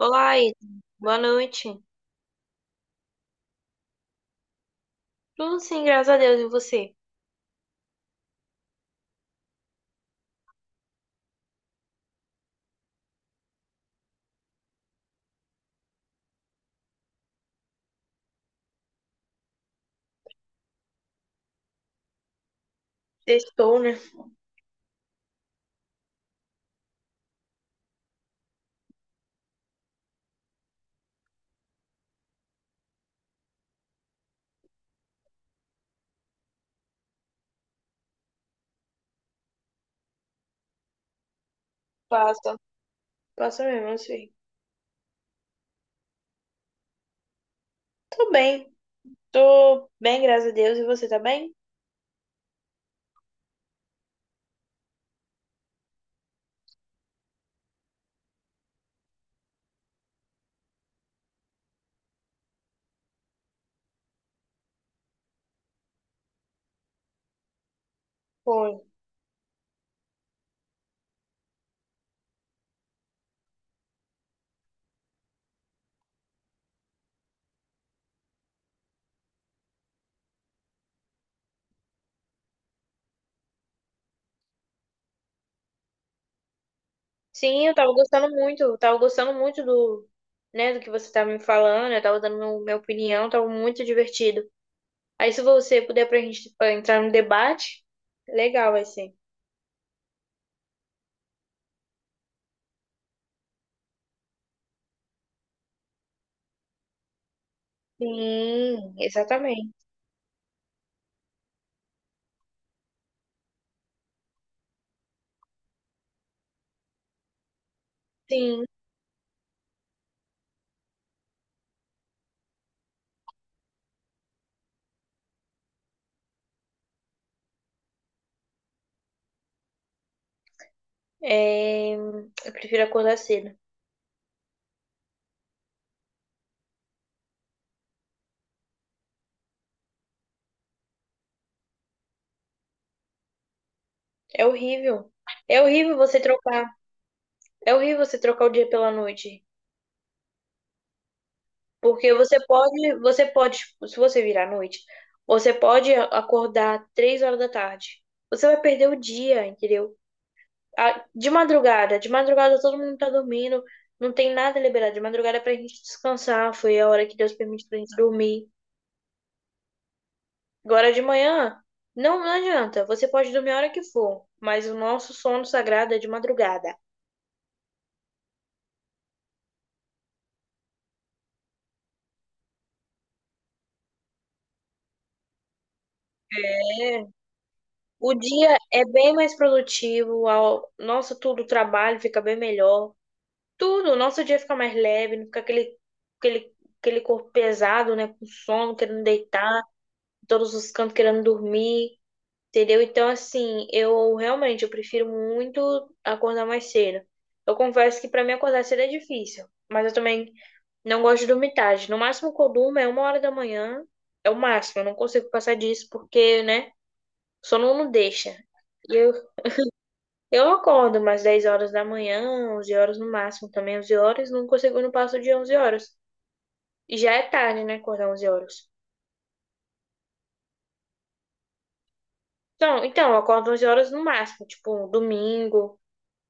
Olá, Ida. Boa noite. Tudo sim, graças a Deus. E você? Estou, né? Passa. Passa mesmo, assim. Tô bem. Tô bem, graças a Deus. E você tá bem? Foi. Sim, eu tava gostando muito. Né, do que você tava me falando. Eu tava dando minha opinião. Tava muito divertido. Aí, se você puder pra gente pra entrar no debate, legal vai ser. Sim, exatamente. Sim. Eu prefiro acordar cedo. É horrível. É horrível você trocar. É horrível você trocar o dia pela noite, porque você pode, tipo, se você virar à noite, você pode acordar 3 horas da tarde. Você vai perder o dia, entendeu? De madrugada todo mundo tá dormindo, não tem nada liberado. De madrugada é pra gente descansar, foi a hora que Deus permite pra gente dormir. Agora de manhã, não adianta, você pode dormir a hora que for, mas o nosso sono sagrado é de madrugada. É, O dia é bem mais produtivo, nossa, tudo, o trabalho fica bem melhor. Tudo, o nosso dia fica mais leve, não fica aquele, aquele, aquele corpo pesado, né? Com sono, querendo deitar, em todos os cantos querendo dormir, entendeu? Então, assim, eu prefiro muito acordar mais cedo. Eu confesso que pra mim acordar cedo é difícil, mas eu também não gosto de dormir tarde. No máximo que eu durmo é 1 hora da manhã, é o máximo, eu não consigo passar disso porque, né, o sono não deixa. E eu Eu acordo umas 10 horas da manhã, 11 horas no máximo, também 11 horas, nunca segundo passo de 11 horas. E já é tarde, né, acordar 11 horas. Então, eu acordo 11 horas no máximo, tipo, um domingo,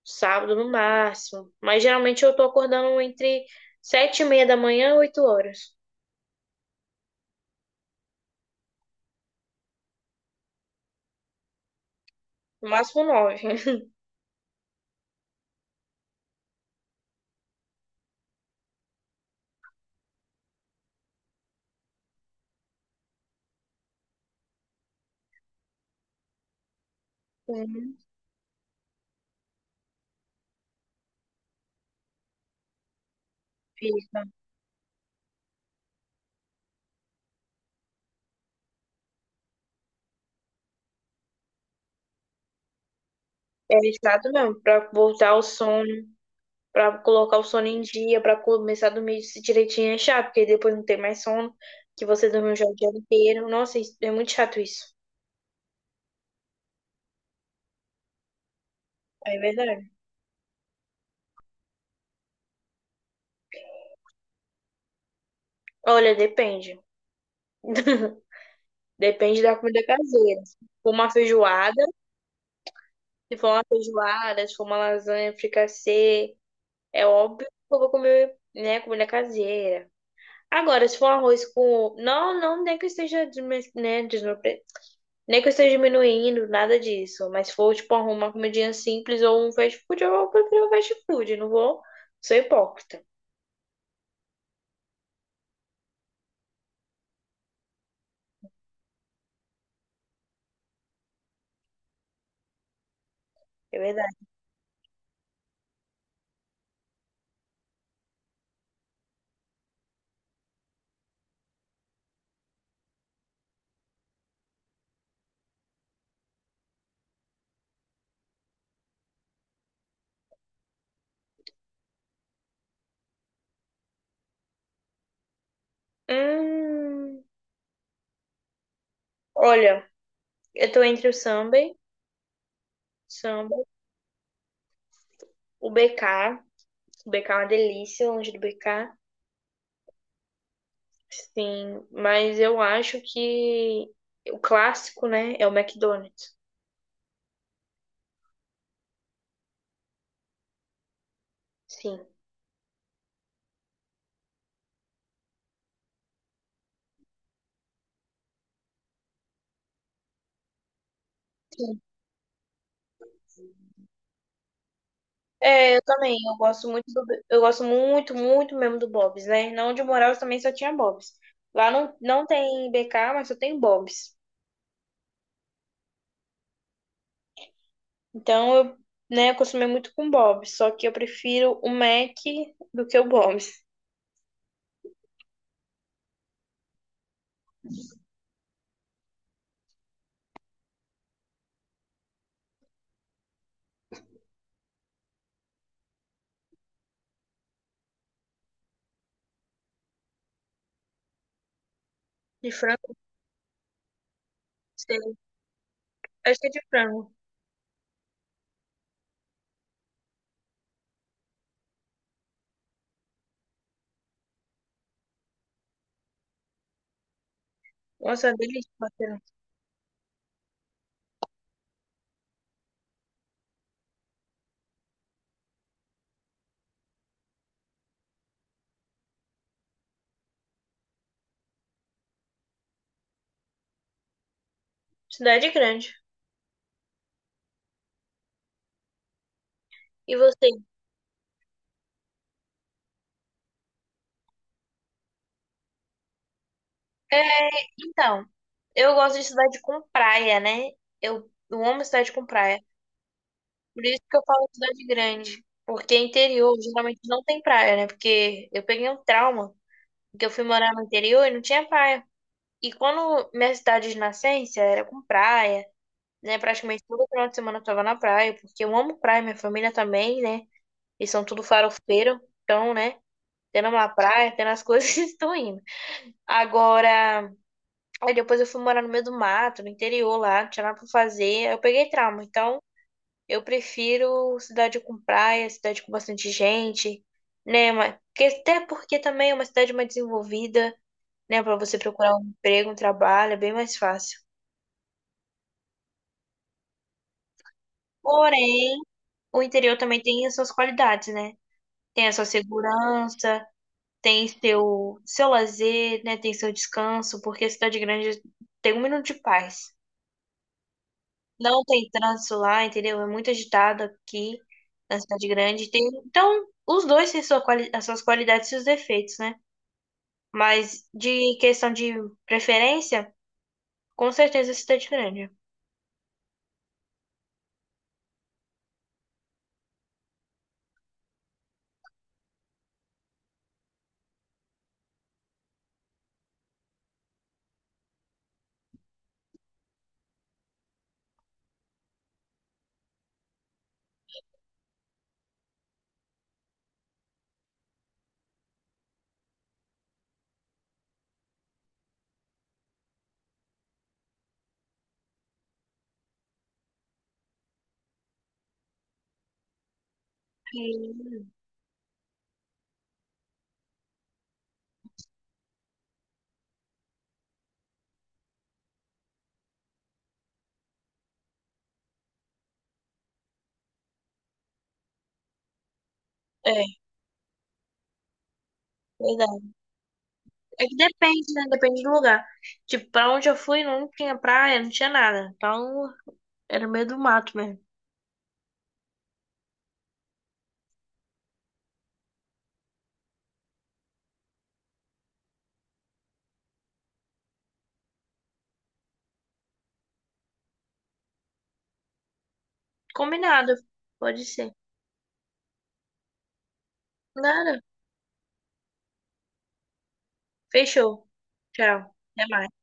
sábado no máximo. Mas geralmente eu tô acordando entre 7 e meia da manhã e 8 horas. No máximo 9. Fica. É chato mesmo, pra voltar ao sono. Pra colocar o sono em dia, pra começar a dormir direitinho é chato, porque depois não tem mais sono, que você dormiu já o dia inteiro. Nossa, é muito chato isso. É verdade. Olha, depende. Depende da comida caseira. For uma feijoada, Se for uma feijoada, se for uma lasanha fricassê, é óbvio que eu vou comer, né, comida caseira. Agora, se for arroz com. Não, não, nem que eu esteja, desme- né, desnupre- nem que eu esteja diminuindo, nada disso. Mas se for, tipo, uma comidinha simples ou um fast food, eu prefiro fast food, não vou. Sou hipócrita, é verdade. Hum, Olha, eu tô entre o samba, samba, o BK. O BK é uma delícia, longe do BK. Sim, mas eu acho que o clássico, né, é o McDonald's. Sim. É, eu também. Eu gosto muito, muito mesmo do Bob's, né? Na onde eu morava também só tinha Bob's. Lá não tem BK, mas só tem Bob's. Então né, acostumei muito com Bob's, só que eu prefiro o Mac do que o Bob's. De frango, não sei. Acho que é de frango. Nossa, é delícia, Matheus. Cidade grande. E você? É, então, eu gosto de cidade com praia, né? Eu amo cidade com praia. Por isso que eu falo cidade grande. Porque interior geralmente não tem praia, né? Porque eu peguei um trauma, porque eu fui morar no interior e não tinha praia. E quando minha cidade de nascença era com praia, né? Praticamente todo final de semana eu tava na praia, porque eu amo praia, minha família também, né? Eles são tudo farofeiro, então, né? Tendo uma praia, tendo as coisas, estou indo. Agora, aí depois eu fui morar no meio do mato, no interior lá, não tinha nada pra fazer, aí eu peguei trauma. Então, eu prefiro cidade com praia, cidade com bastante gente, né? Até porque também é uma cidade mais desenvolvida, né? Para você procurar um emprego, um trabalho, é bem mais fácil. Porém, o interior também tem as suas qualidades, né? Tem a sua segurança, tem seu lazer, né? Tem seu descanso, porque a cidade grande tem um minuto de paz. Não tem trânsito lá, entendeu? É muito agitado aqui na cidade grande. Tem, então, os dois têm as suas qualidades e seus defeitos, né? Mas de questão de preferência, com certeza cidade grande. Hum, É, verdade. É que depende, né? Depende do lugar. Tipo, pra onde eu fui não tinha praia, não tinha nada. Então, era no meio do mato mesmo. Combinado. Pode ser. Nada. Fechou. Tchau. Até mais.